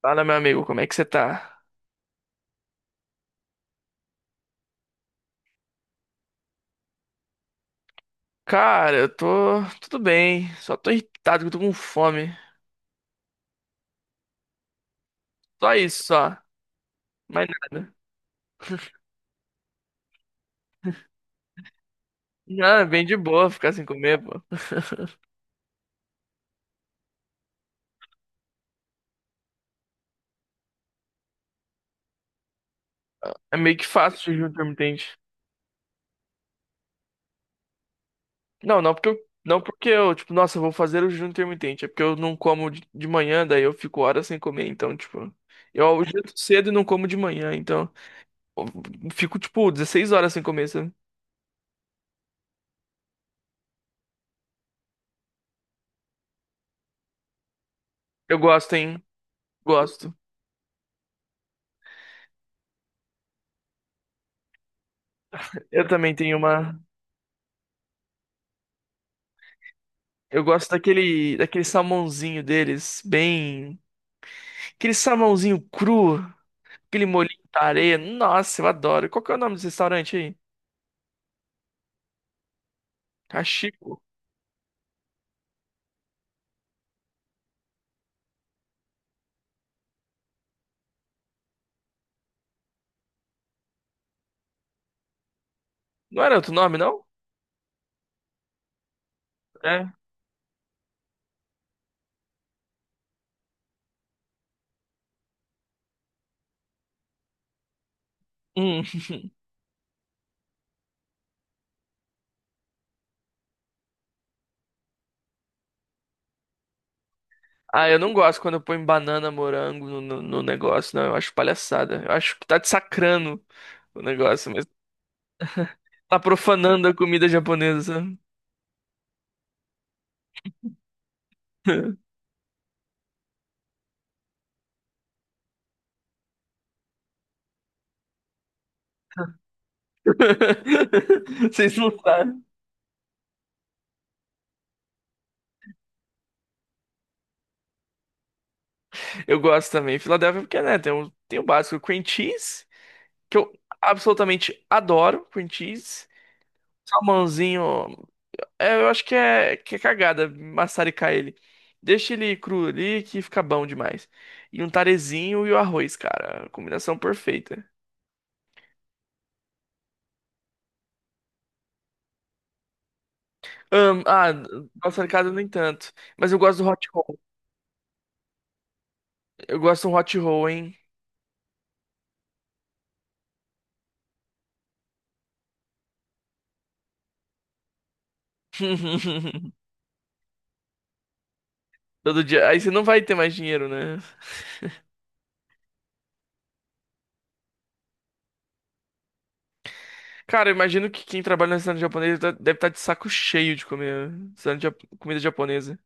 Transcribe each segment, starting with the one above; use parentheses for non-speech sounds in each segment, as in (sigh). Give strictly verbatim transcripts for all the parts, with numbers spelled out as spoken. Fala, meu amigo, como é que você tá? Cara, eu tô tudo bem, só tô irritado que eu tô com fome. Só isso, só. Mais nada. Não, é bem de boa ficar sem comer, pô. (laughs) É meio que fácil o jejum intermitente. Não, não porque eu, não porque eu, tipo, nossa, eu vou fazer o jejum intermitente. É porque eu não como de de manhã, daí eu fico horas sem comer, então, tipo, eu almoço cedo e não como de manhã, então, eu fico, tipo, dezesseis horas sem comer, sabe? Eu gosto, hein? Gosto. Eu também tenho uma. Eu gosto daquele, daquele salmãozinho deles, bem. Aquele salmãozinho cru, aquele molhinho de areia. Nossa, eu adoro. Qual que é o nome desse restaurante aí? Cachico. Não era outro nome, não? É. Hum. Ah, eu não gosto quando eu ponho banana, morango no, no, no negócio, não. Eu acho palhaçada. Eu acho que tá desacrando o negócio, mas tá profanando a comida japonesa. sabe? (laughs) Vocês não sabem. Eu gosto também. Filadélfia, porque, né, tem o, tem o, básico cream cheese. Que eu absolutamente adoro, cream cheese. Salmãozinho, é, eu acho que é, que é cagada maçaricar ele. Deixa ele cru ali que fica bom demais. E um tarezinho e o arroz, cara. Combinação perfeita. Ahn, ah, maçaricada nem tanto. Mas eu gosto do hot roll. Eu gosto de um hot roll, hein? (laughs) Todo dia. Aí você não vai ter mais dinheiro, né? Cara, eu imagino que quem trabalha no restaurante japonês tá- deve estar de saco cheio de comer restaurante jap- comida japonesa.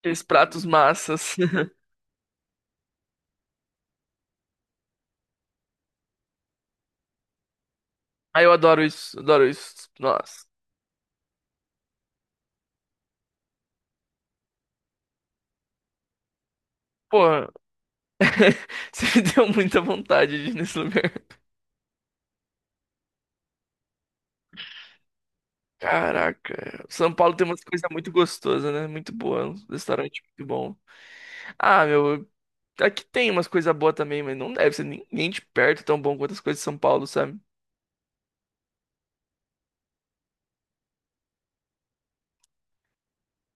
Aqueles pratos massas. Aí eu adoro isso, adoro isso. Nossa. Porra, (laughs) você me deu muita vontade de ir nesse lugar. Caraca, São Paulo tem umas coisas muito gostosas, né? Muito boa, um restaurante muito bom. Ah, meu, aqui tem umas coisas boas também, mas não deve ser nem, nem de perto tão bom quanto as coisas de São Paulo, sabe?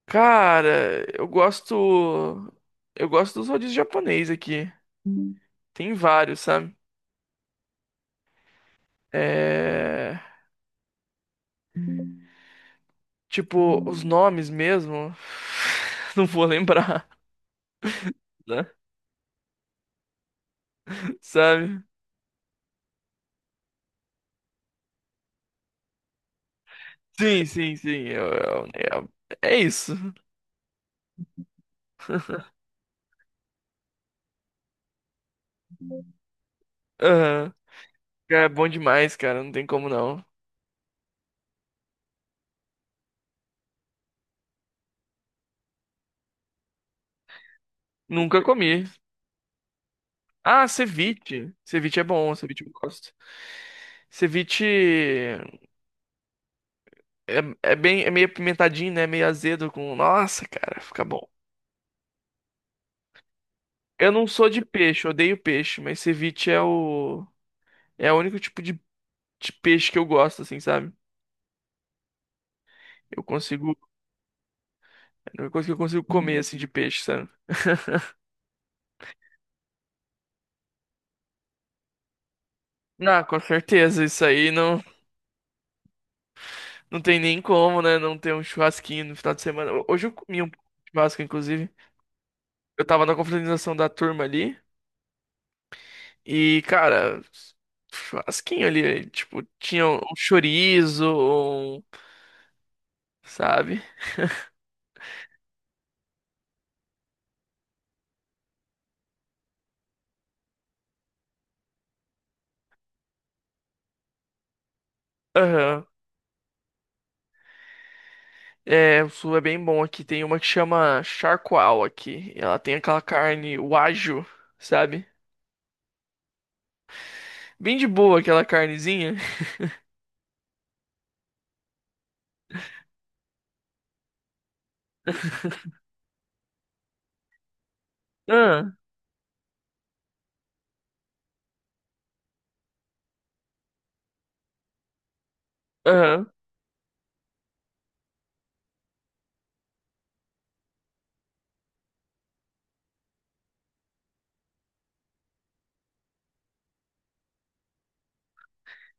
Cara, eu gosto. Eu gosto dos rodízios japonês aqui. Tem vários, sabe? É. Tipo, os nomes mesmo. (sighs) Não vou lembrar, né? sabe? Sim, sim, sim. eu- eu- eu- é isso. Aham. Cara, É bom demais, cara. Não tem como não. Nunca comi. Ah, ceviche. Ceviche é bom, ceviche eu gosto. Ceviche é, é, bem, é meio apimentadinho, né? Meio azedo com. Nossa, cara, fica bom. Eu não sou de peixe, eu odeio peixe, mas ceviche é o é o único tipo de, de peixe que eu gosto, assim, sabe? Eu consigo, é a única coisa que eu consigo comer assim de peixe, sabe? Ah, com certeza, isso aí não Não tem nem como, né? Não ter um churrasquinho no final de semana. Ho- Hoje eu comi um churrasco, inclusive. Eu tava na confraternização da turma ali. E, cara, churrasquinho ali. Tipo, tinha um um chorizo, um- sabe? Aham. É, o sul é bem bom aqui. Tem uma que chama charcoal aqui. Ela tem aquela carne wagyu, sabe? Bem de boa aquela carnezinha. (laughs) Ah, aham.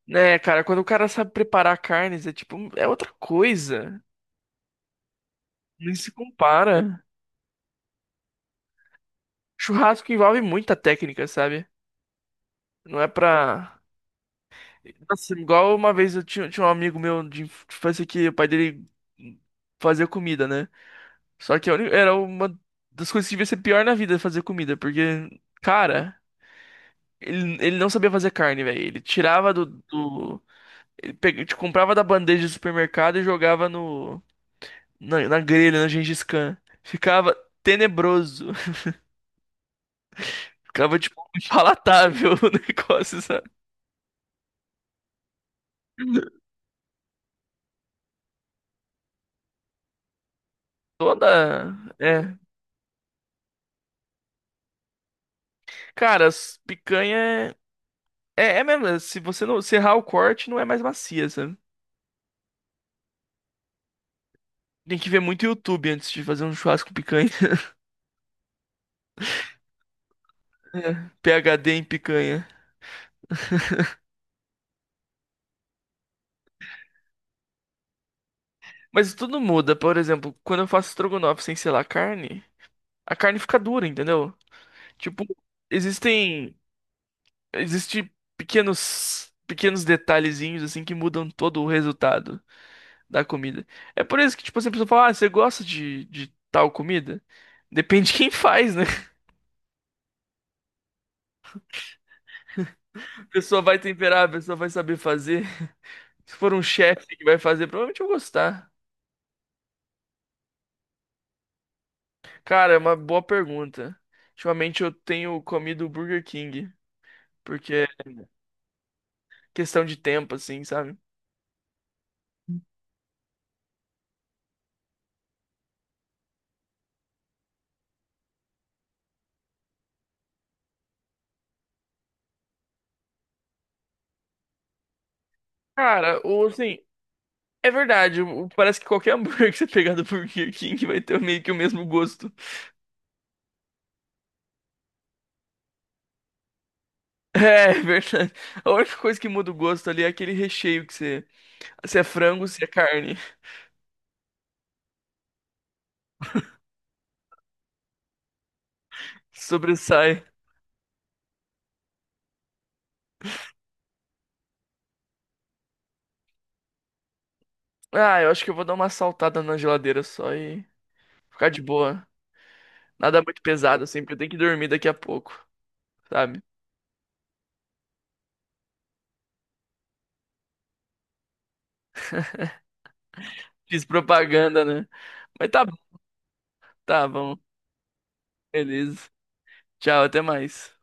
Né, cara, quando o cara sabe preparar carnes, é tipo, é outra coisa. Nem se compara. Churrasco que envolve muita técnica, sabe? Não é pra. Nossa, igual uma vez eu tinha, tinha um amigo meu de infância que o pai dele fazia comida, né? Só que a uni- era uma das coisas que devia ser pior na vida fazer comida, porque, cara, ele, ele não sabia fazer carne, velho. Ele tirava do, do- Ele pega- te comprava da bandeja do supermercado e jogava no, na, na grelha, na Gengis Khan. Ficava tenebroso. (laughs) Ficava, tipo, impalatável (laughs) o negócio, sabe? Toda. É. Cara, as picanha é. É, é mesmo. É, se você não. Se errar o corte, não é mais macia, sabe? Tem que ver muito YouTube antes de fazer um churrasco com picanha. (laughs) É, P H D em picanha. Mas tudo muda. Por exemplo, quando eu faço estrogonofe sem selar carne, a carne fica dura, entendeu? Tipo, existem. Existem pequenos. Pequenos detalhezinhos assim que mudam todo o resultado da comida. É por isso que, tipo, assim, a pessoa fala, ah, você gosta de, de tal comida? Depende de quem faz, né? A pessoa vai temperar, a pessoa vai saber fazer. Se for um chefe que vai fazer, provavelmente eu vou gostar. Cara, é uma boa pergunta. Ultimamente eu tenho comido Burger King, porque é questão de tempo, assim, sabe? Cara, ou assim, é verdade. o- Parece que qualquer (laughs) hambúrguer que você pegar do Burger King vai ter meio que o mesmo gosto. (laughs) É, é verdade. A única coisa que muda o gosto ali é aquele recheio que você. Se é frango, se é carne. (laughs) Sobressai. Ah, eu acho que eu vou dar uma saltada na geladeira só e ficar de boa. Nada muito pesado, assim, porque eu tenho que dormir daqui a pouco, sabe? Fiz propaganda, né? Mas tá bom, tá bom. Beleza. Tchau, até mais.